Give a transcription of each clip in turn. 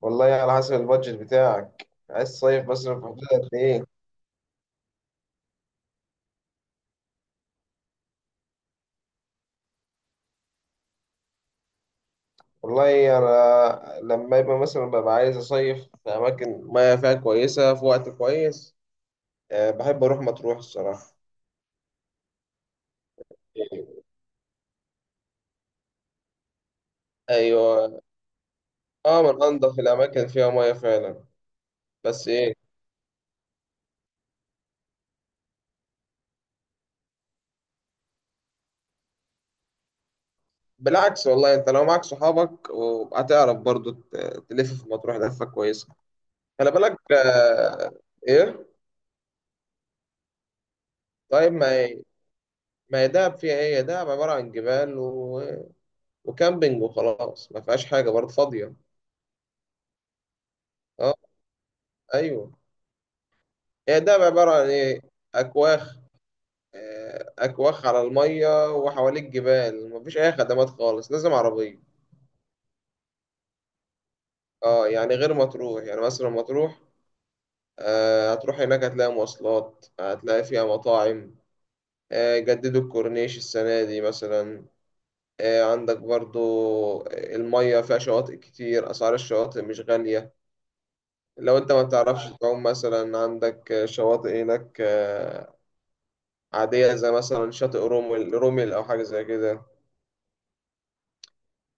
والله، على حسب البادجت بتاعك، عايز تصيف مثلا في حدود قد ايه؟ والله انا لما يبقى مثلا ببقى عايز اصيف في اماكن مياه فيها كويسه في وقت كويس. أه بحب اروح مطروح الصراحه. ايوه، اه من انضف الاماكن فيها مياه فعلا. بس ايه؟ بالعكس والله انت لو معاك صحابك وهتعرف برضو تلف في مطروح لفه كويسه. خلي بالك. ايه. طيب ما هي دهب فيها ايه؟ دهب عباره عن جبال و... وكامبينج وخلاص، ما فيهاش حاجة برضه فاضية. اه. ايوه، هي ده عبارة عن ايه؟ اكواخ. اكواخ على المية وحواليك جبال، مفيش اي خدمات خالص، لازم عربية. اه يعني غير مطروح، يعني مثلا مطروح هتروح هناك هتلاقي مواصلات، هتلاقي فيها مطاعم. جددوا الكورنيش السنة دي مثلا. عندك برضو المية فيها شواطئ كتير، أسعار الشواطئ مش غالية. لو أنت ما بتعرفش تعوم مثلا عندك شواطئ هناك عادية، زي مثلا شاطئ رومل. رومل أو حاجة زي كده.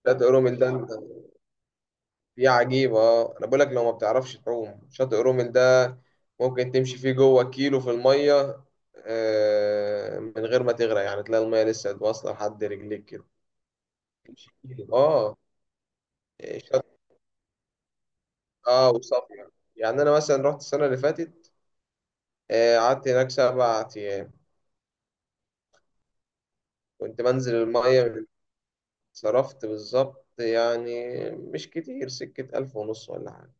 شاطئ رومل ده دي عجيبة آه. أنا بقولك لو ما بتعرفش تعوم شاطئ رومل ده ممكن تمشي فيه جوه 1 كيلو في المية، من غير ما تغرق، يعني تلاقي المية لسه واصلة لحد رجليك كده. تمشي كيلو اه. شاطئ اه. وصافية يعني. أنا مثلا رحت السنة اللي فاتت، قعدت هناك 7 أيام، كنت بنزل المية. صرفت بالظبط يعني مش كتير، سكة 1500 ولا حاجة.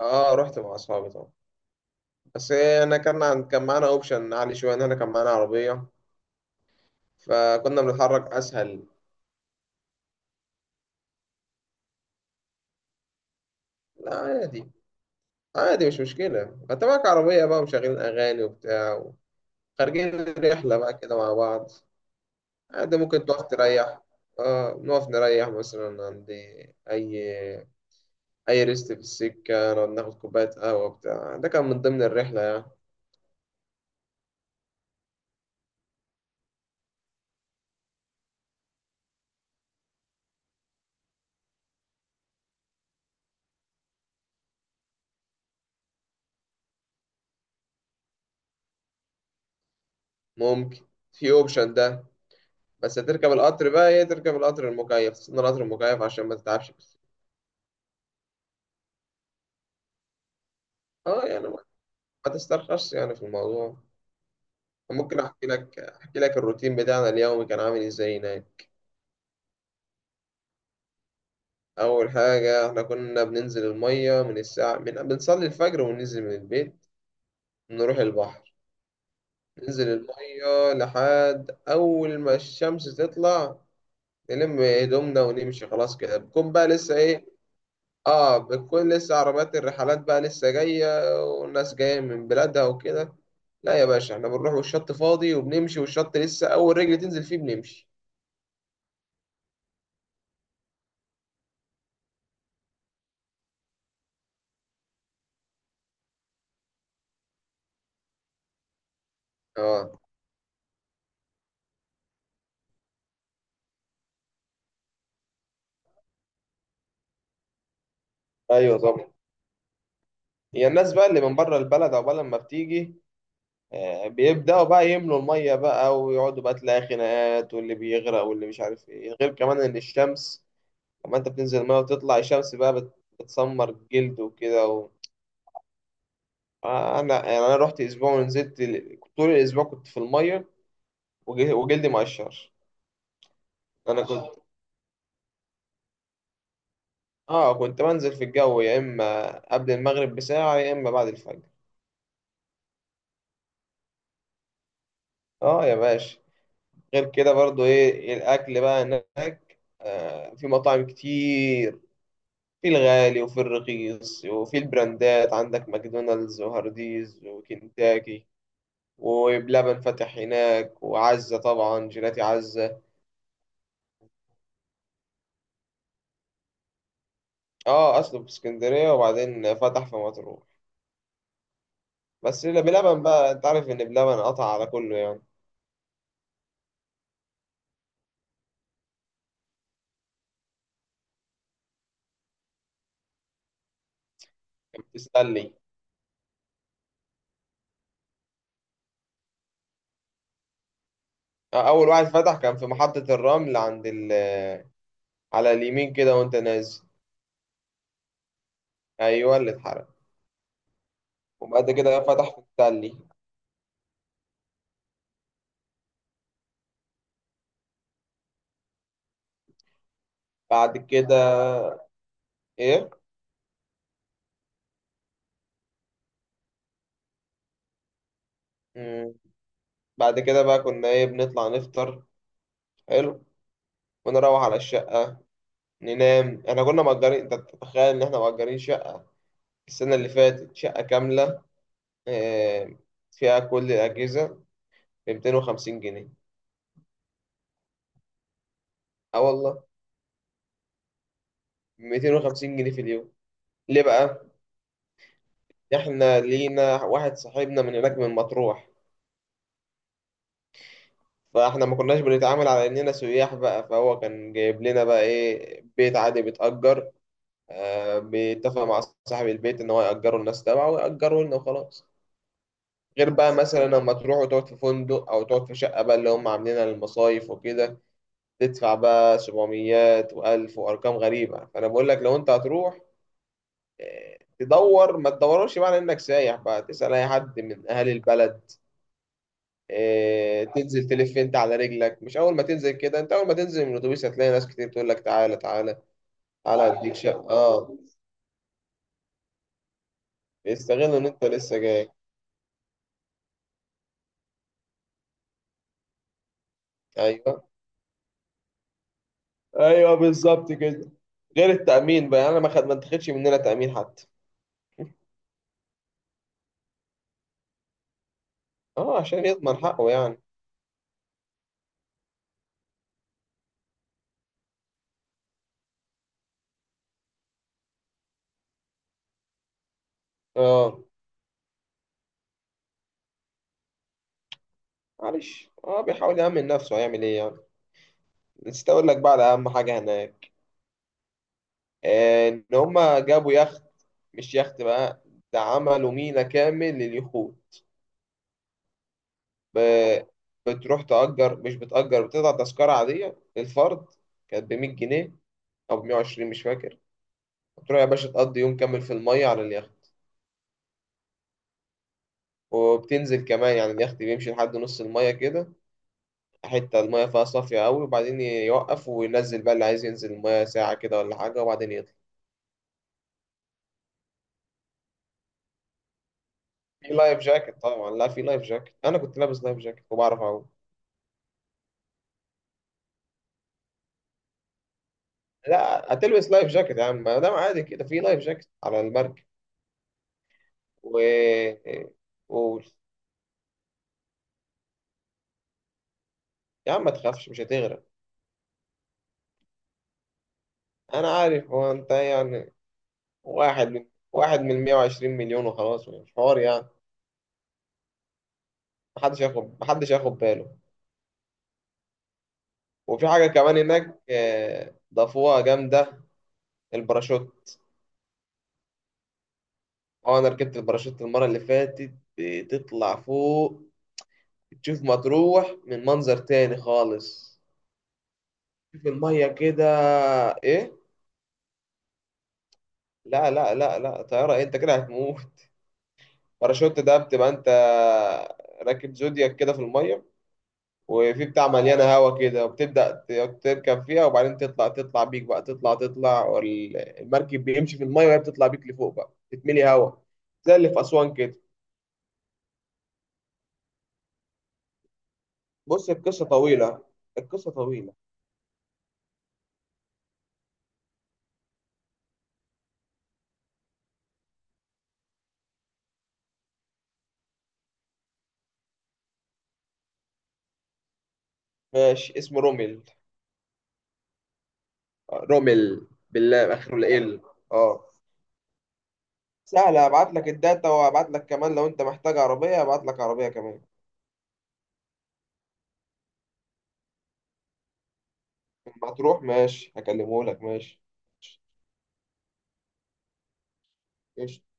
اه رحت مع أصحابي طبعا. بس إيه، انا كان معانا اوبشن عالي شويه ان احنا كان معانا عربيه، فكنا بنتحرك اسهل. لا عادي، عادي مش مشكله، انت معاك عربيه بقى ومشغلين اغاني وبتاع، خارجين رحله بقى كده مع بعض. عادي ممكن تقف تريح. اه نقف نريح مثلا عند اي اي ريست في السكه، نقعد ناخد كوبايه قهوه بتاع، ده كان من ضمن الرحله يعني. ممكن، في اوبشن ده. بس هتركب القطر بقى ايه، تركب القطر المكيف، تستنى القطر المكيف عشان ما تتعبش. اه يعني، ما تسترخصش يعني في الموضوع. ممكن احكي لك، احكي لك الروتين بتاعنا اليومي كان عامل ازاي هناك. اول حاجه احنا كنا بننزل الميه من الساعه، من بنصلي الفجر وننزل من البيت، نروح البحر. ننزل الميه لحد اول ما الشمس تطلع، نلم هدومنا ونمشي خلاص كده، بكون بقى لسه ايه. اه بتكون لسه عربيات الرحلات بقى لسه جايه، والناس جايه من بلادها وكده. لا يا باشا، احنا بنروح والشط فاضي وبنمشي، والشط لسه اول رجل تنزل فيه بنمشي. اه. ايوه طبعا. هي الناس بقى اللي من بره البلد عقبال لما بتيجي، بيبداوا بقى يملوا الميه بقى ويقعدوا، بقى تلاقي خناقات واللي بيغرق واللي مش عارف ايه. غير كمان ان الشمس لما انت بتنزل الميه وتطلع الشمس بقى بتسمر الجلد وكده و... انا يعني انا رحت اسبوع ونزلت طول الاسبوع كنت في الميه، وجلدي مقشر. انا كنت اه كنت بنزل في الجو يا اما قبل المغرب بساعه يا اما بعد الفجر. اه يا باشا. غير كده برضو ايه، الاكل بقى هناك، في مطاعم كتير، في الغالي وفي الرخيص وفي البراندات. عندك ماكدونالدز وهارديز وكنتاكي وبلبن فتح هناك، وعزة طبعا، جيلاتي عزة. اه اصله في اسكندرية وبعدين فتح في مطروح. بس لا، بلبن بقى انت عارف ان بلبن قطع على كله يعني. كان بيسلي. اول واحد فتح كان في محطة الرمل عند ال، على اليمين كده وانت نازل. ايوه اللي اتحرق. وبعد كده فتح في التلي. بعد كده ايه. مم. بعد كده بقى كنا ايه، بنطلع نفطر. حلو. ونروح على الشقة ننام. احنا كنا مأجرين، انت تتخيل ان احنا مأجرين شقة السنة اللي فاتت، شقة كاملة، إيه، فيها كل الأجهزة، ب 250 جنيه. اه والله. 250 جنيه في اليوم. ليه بقى؟ احنا لينا واحد صاحبنا من هناك من مطروح، فاحنا ما كناش بنتعامل على اننا سياح بقى، فهو كان جايب لنا بقى ايه، بيت عادي بيتأجر، بيتفق مع صاحب البيت ان هو يأجره الناس تبعه ويأجره لنا وخلاص. غير بقى مثلا لما تروح وتقعد في فندق او تقعد في شقة بقى اللي هم عاملينها للمصايف وكده، تدفع بقى 700 و1000 وارقام غريبة. فانا بقول لك لو انت هتروح تدور، ما تدورش بقى على انك سايح، بقى تسأل اي حد من اهالي البلد. تنزل تلف انت على رجلك، مش اول ما تنزل كده. انت اول ما تنزل من الاتوبيس هتلاقي ناس كتير تقول لك تعالى، تعالى، تعالى اديك شقة. اه بيستغلوا ان انت لسه جاي. ايوه ايوه بالظبط كده. غير التأمين بقى، انا ما اتخدش مننا تأمين حتى. اه عشان يضمن حقه يعني. اه معلش اه بيحاول يأمن نفسه، هيعمل ايه يعني. نسيت اقول لك بقى على اهم حاجة هناك. آه، ان هما جابوا يخت، مش يخت بقى، ده عملوا ميناء كامل لليخوت. ب- بتروح تأجر، مش بتأجر، بتقطع تذكرة عادية للفرد، كانت ب 100 جنيه او ب 120، مش فاكر. تروح يا باشا تقضي يوم كامل في المية على اليخت. وبتنزل كمان يعني، اليخت بيمشي لحد نص المية كده، حتة المية فيها صافية أوي، وبعدين يوقف وينزل بقى اللي عايز ينزل المية ساعة كده ولا حاجة، وبعدين يطلع. في لايف جاكيت طبعا، لا في لايف جاكيت. أنا كنت لابس لايف جاكيت وبعرف أعوم. لا هتلبس لايف جاكيت يا عم، ما دام عادي كده في لايف جاكيت على المركب. و قول. يا عم ما تخافش، مش هتغرق. أنا عارف، هو أنت يعني واحد من، واحد من 120 مليون وخلاص، مش حوار يعني. محدش ياخد، محدش ياخد باله. وفي حاجة كمان هناك ضافوها جامدة، الباراشوت. اه انا ركبت الباراشوت المرة اللي فاتت. بتطلع فوق تشوف مطروح من منظر تاني خالص، تشوف المية كده. ايه؟ لا لا لا لا، طيارة إيه؟ انت كده هتموت. الباراشوت ده بتبقى انت راكب زودياك كده في المية، وفي بتاع مليانة هوا كده، وبتبدأ تركب فيها وبعدين تطلع، تطلع بيك بقى، تطلع تطلع، والمركب بيمشي في المية وهي بتطلع بيك لفوق بقى، تتملي هوا. زي اللي في أسوان كده. بص، القصة طويلة. القصة طويلة. ماشي اسمه رومل، آه، رومل بالله، آخره ال، اه. سهلة هبعت لك الداتا، وهبعت لك كمان لو انت محتاج عربية هبعت لك عربية كمان. لما تروح ماشي هكلمه لك ماشي. قشطة.